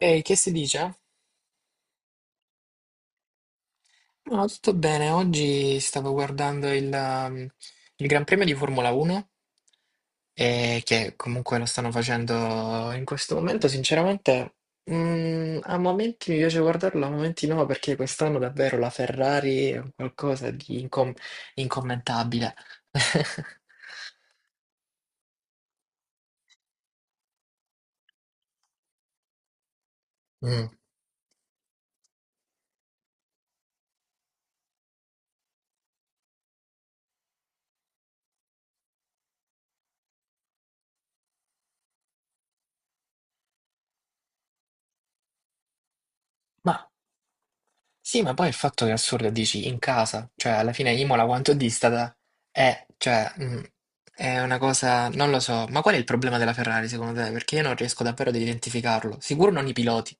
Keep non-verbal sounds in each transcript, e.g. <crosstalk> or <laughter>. Ehi, che si dice? No, tutto bene. Oggi stavo guardando il Gran Premio di Formula 1, e che comunque lo stanno facendo in questo momento. Sinceramente, a momenti mi piace guardarlo, a momenti no, perché quest'anno davvero la Ferrari è un qualcosa di incommentabile. <laughs> Mm. Ma Sì, ma poi il fatto che è assurdo, dici in casa, cioè alla fine Imola quanto distata è, cioè, è una cosa, non lo so, ma qual è il problema della Ferrari secondo te? Perché io non riesco davvero ad identificarlo, sicuro non i piloti.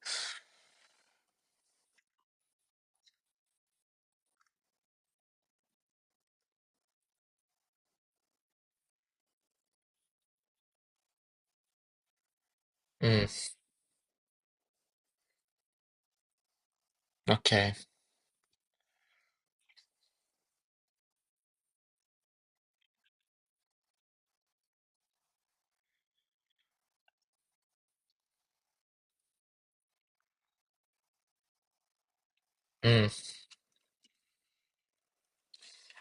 Mm, ok. Mm.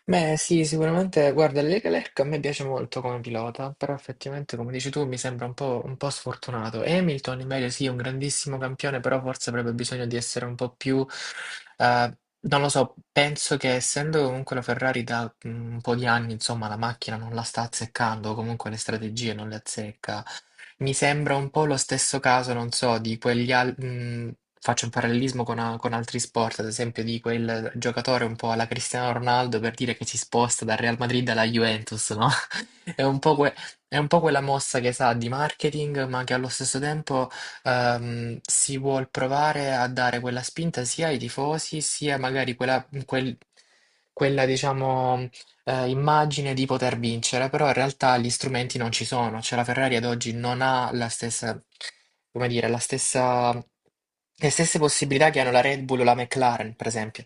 Beh, sì, sicuramente, guarda, Leka Lerck a me piace molto come pilota, però effettivamente, come dici tu, mi sembra un po' sfortunato. Hamilton, invece, sì, è un grandissimo campione, però forse avrebbe bisogno di essere un po' più, non lo so, penso che essendo comunque la Ferrari da un po' di anni, insomma, la macchina non la sta azzeccando, o comunque le strategie non le azzecca. Mi sembra un po' lo stesso caso, non so, di faccio un parallelismo con, con altri sport, ad esempio di quel giocatore un po' alla Cristiano Ronaldo per dire che si sposta dal Real Madrid alla Juventus, no? <laughs> È un po', è un po' quella mossa che sa di marketing, ma che allo stesso tempo si vuol provare a dare quella spinta sia ai tifosi, sia magari quella, diciamo, immagine di poter vincere, però in realtà gli strumenti non ci sono, cioè la Ferrari ad oggi non ha la stessa, come dire, le stesse possibilità che hanno la Red Bull o la McLaren, per esempio.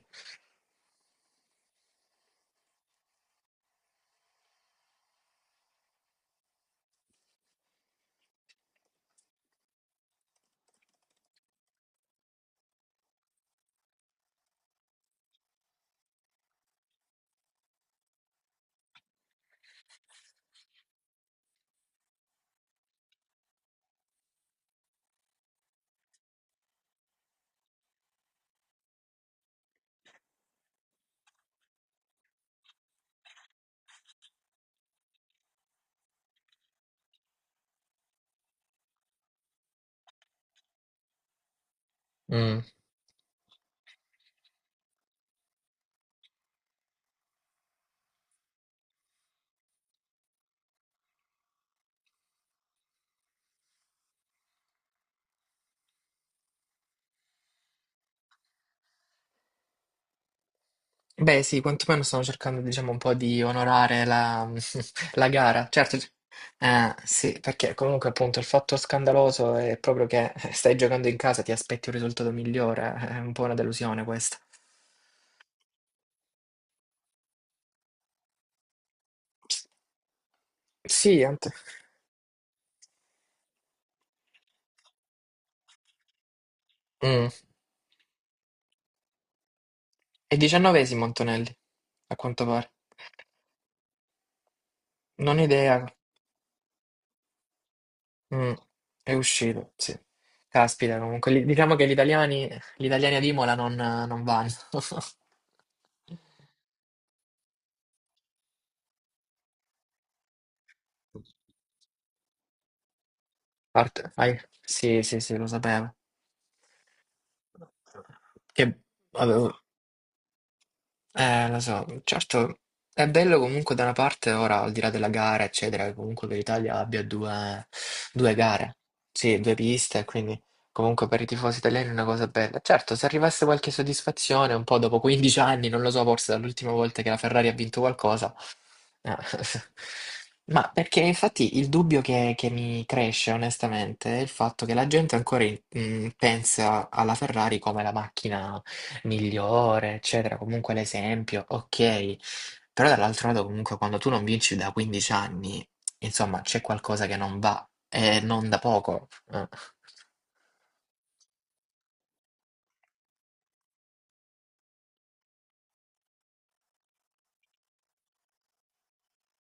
Mm. Beh, sì, quantomeno stanno cercando, diciamo, un po' di onorare la, <laughs> la gara. Certo, sì, perché comunque appunto il fatto scandaloso è proprio che stai giocando in casa, ti aspetti un risultato migliore, è un po' una delusione questa. Sì, ante- Mm. È diciannovesimo Antonelli, a quanto pare. Non ho idea. Mm, è uscito, sì. Caspita, comunque, diciamo che gli italiani ad Imola non vanno. <laughs> Sì, sì, sì, lo sapevo. Che, avevo- lo so, certo, è bello comunque da una parte, ora al di là della gara, eccetera, che comunque che l'Italia abbia due gare, sì, due piste, quindi comunque per i tifosi italiani è una cosa bella. Certo, se arrivasse qualche soddisfazione, un po' dopo 15 anni, non lo so, forse dall'ultima volta che la Ferrari ha vinto qualcosa, eh, <laughs> Ma perché infatti il dubbio che mi cresce onestamente è il fatto che la gente ancora pensa alla Ferrari come la macchina migliore, eccetera, comunque l'esempio, ok. Però dall'altro lato comunque quando tu non vinci da 15 anni, insomma, c'è qualcosa che non va e non da poco.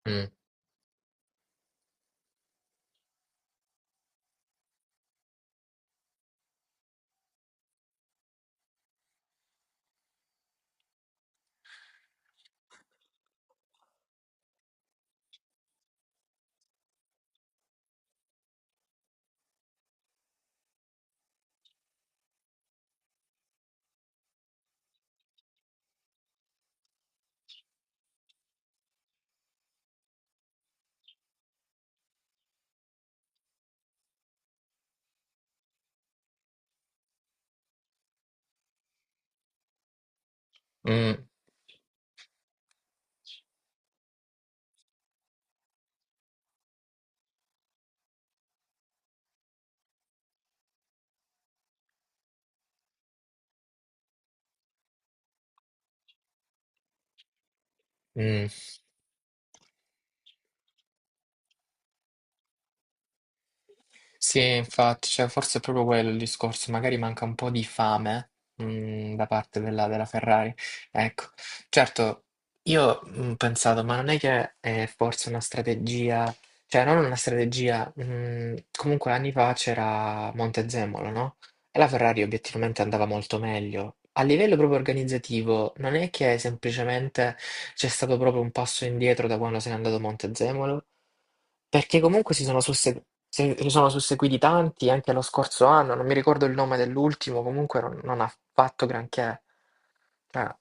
mm, mm, mm. Sì, infatti, cioè, forse è proprio quello il discorso, magari manca un po' di fame, da parte della Ferrari. Ecco, certo, io ho pensato, ma non è che è forse una strategia, cioè non una strategia, comunque anni fa c'era Montezemolo, no? E la Ferrari obiettivamente andava molto meglio. A livello proprio organizzativo, non è che semplicemente c'è stato proprio un passo indietro da quando se n'è andato Montezemolo? Perché comunque si sono, susse- se- si sono susseguiti tanti anche lo scorso anno, non mi ricordo il nome dell'ultimo, comunque non ha fatto granché. Cioè,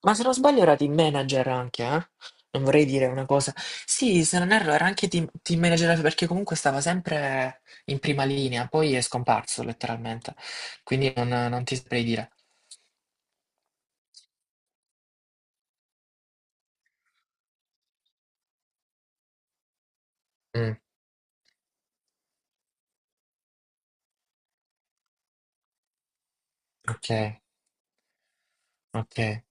Ma se non sbaglio era team manager anche, eh? Non vorrei dire una cosa. Sì, se non erro era anche team manager perché comunque stava sempre in prima linea, poi è scomparso letteralmente. Quindi non ti saprei dire. Mm, ok, ok.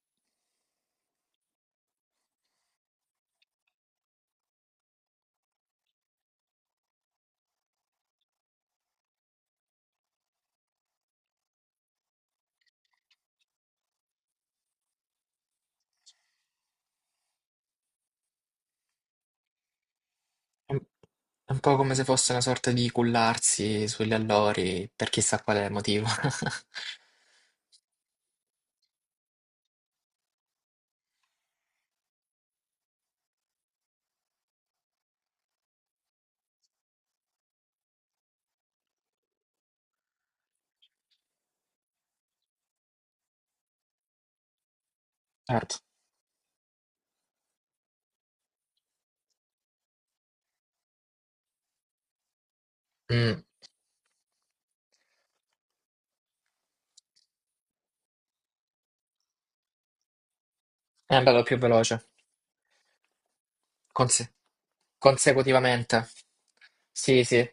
un è un po' come se fosse una sorta di cullarsi sugli allori per chissà quale motivo. <laughs> Certo. Mm, è andato più veloce, Conse- consecutivamente. Sì, sì.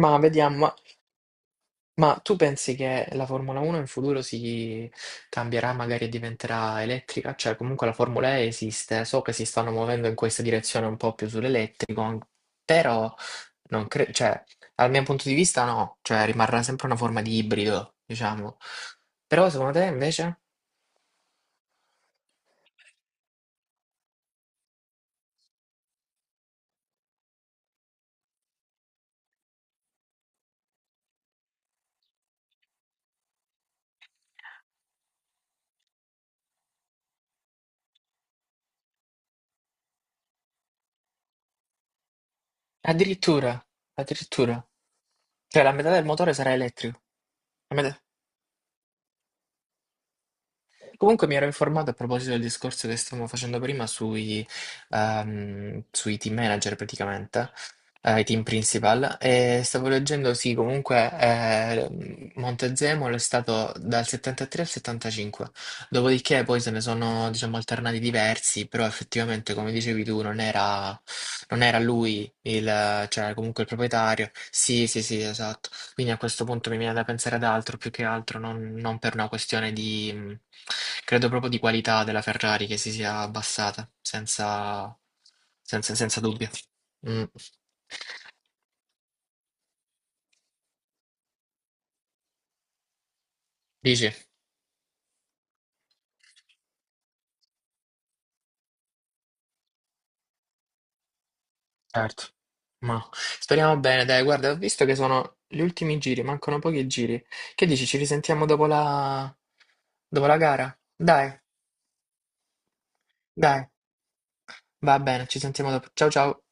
Ma vediamo. Ma tu pensi che la Formula 1 in futuro si cambierà, magari diventerà elettrica? Cioè, comunque la Formula E esiste, so che si stanno muovendo in questa direzione un po' più sull'elettrico, però non cre- cioè, dal mio punto di vista no, cioè rimarrà sempre una forma di ibrido, diciamo. Però secondo te invece? Addirittura, addirittura. Cioè la metà del motore sarà elettrico. La metà- Comunque mi ero informato a proposito del discorso che stavamo facendo prima sui, sui team manager praticamente, i team principal, e stavo leggendo, sì, comunque Montezemolo è stato dal 73 al 75, dopodiché poi se ne sono, diciamo, alternati diversi, però effettivamente, come dicevi tu, non era lui il, cioè comunque il proprietario. Sì, sì, sì, esatto. Quindi a questo punto mi viene da pensare ad altro, più che altro, non per una questione di, credo proprio di qualità della Ferrari che si sia abbassata, senza dubbio. Mm. Dici? Certo. Ma speriamo bene, dai, guarda, ho visto che sono gli ultimi giri, mancano pochi giri. Che dici, ci risentiamo dopo la gara? Dai, va bene, ci sentiamo dopo. Ciao ciao.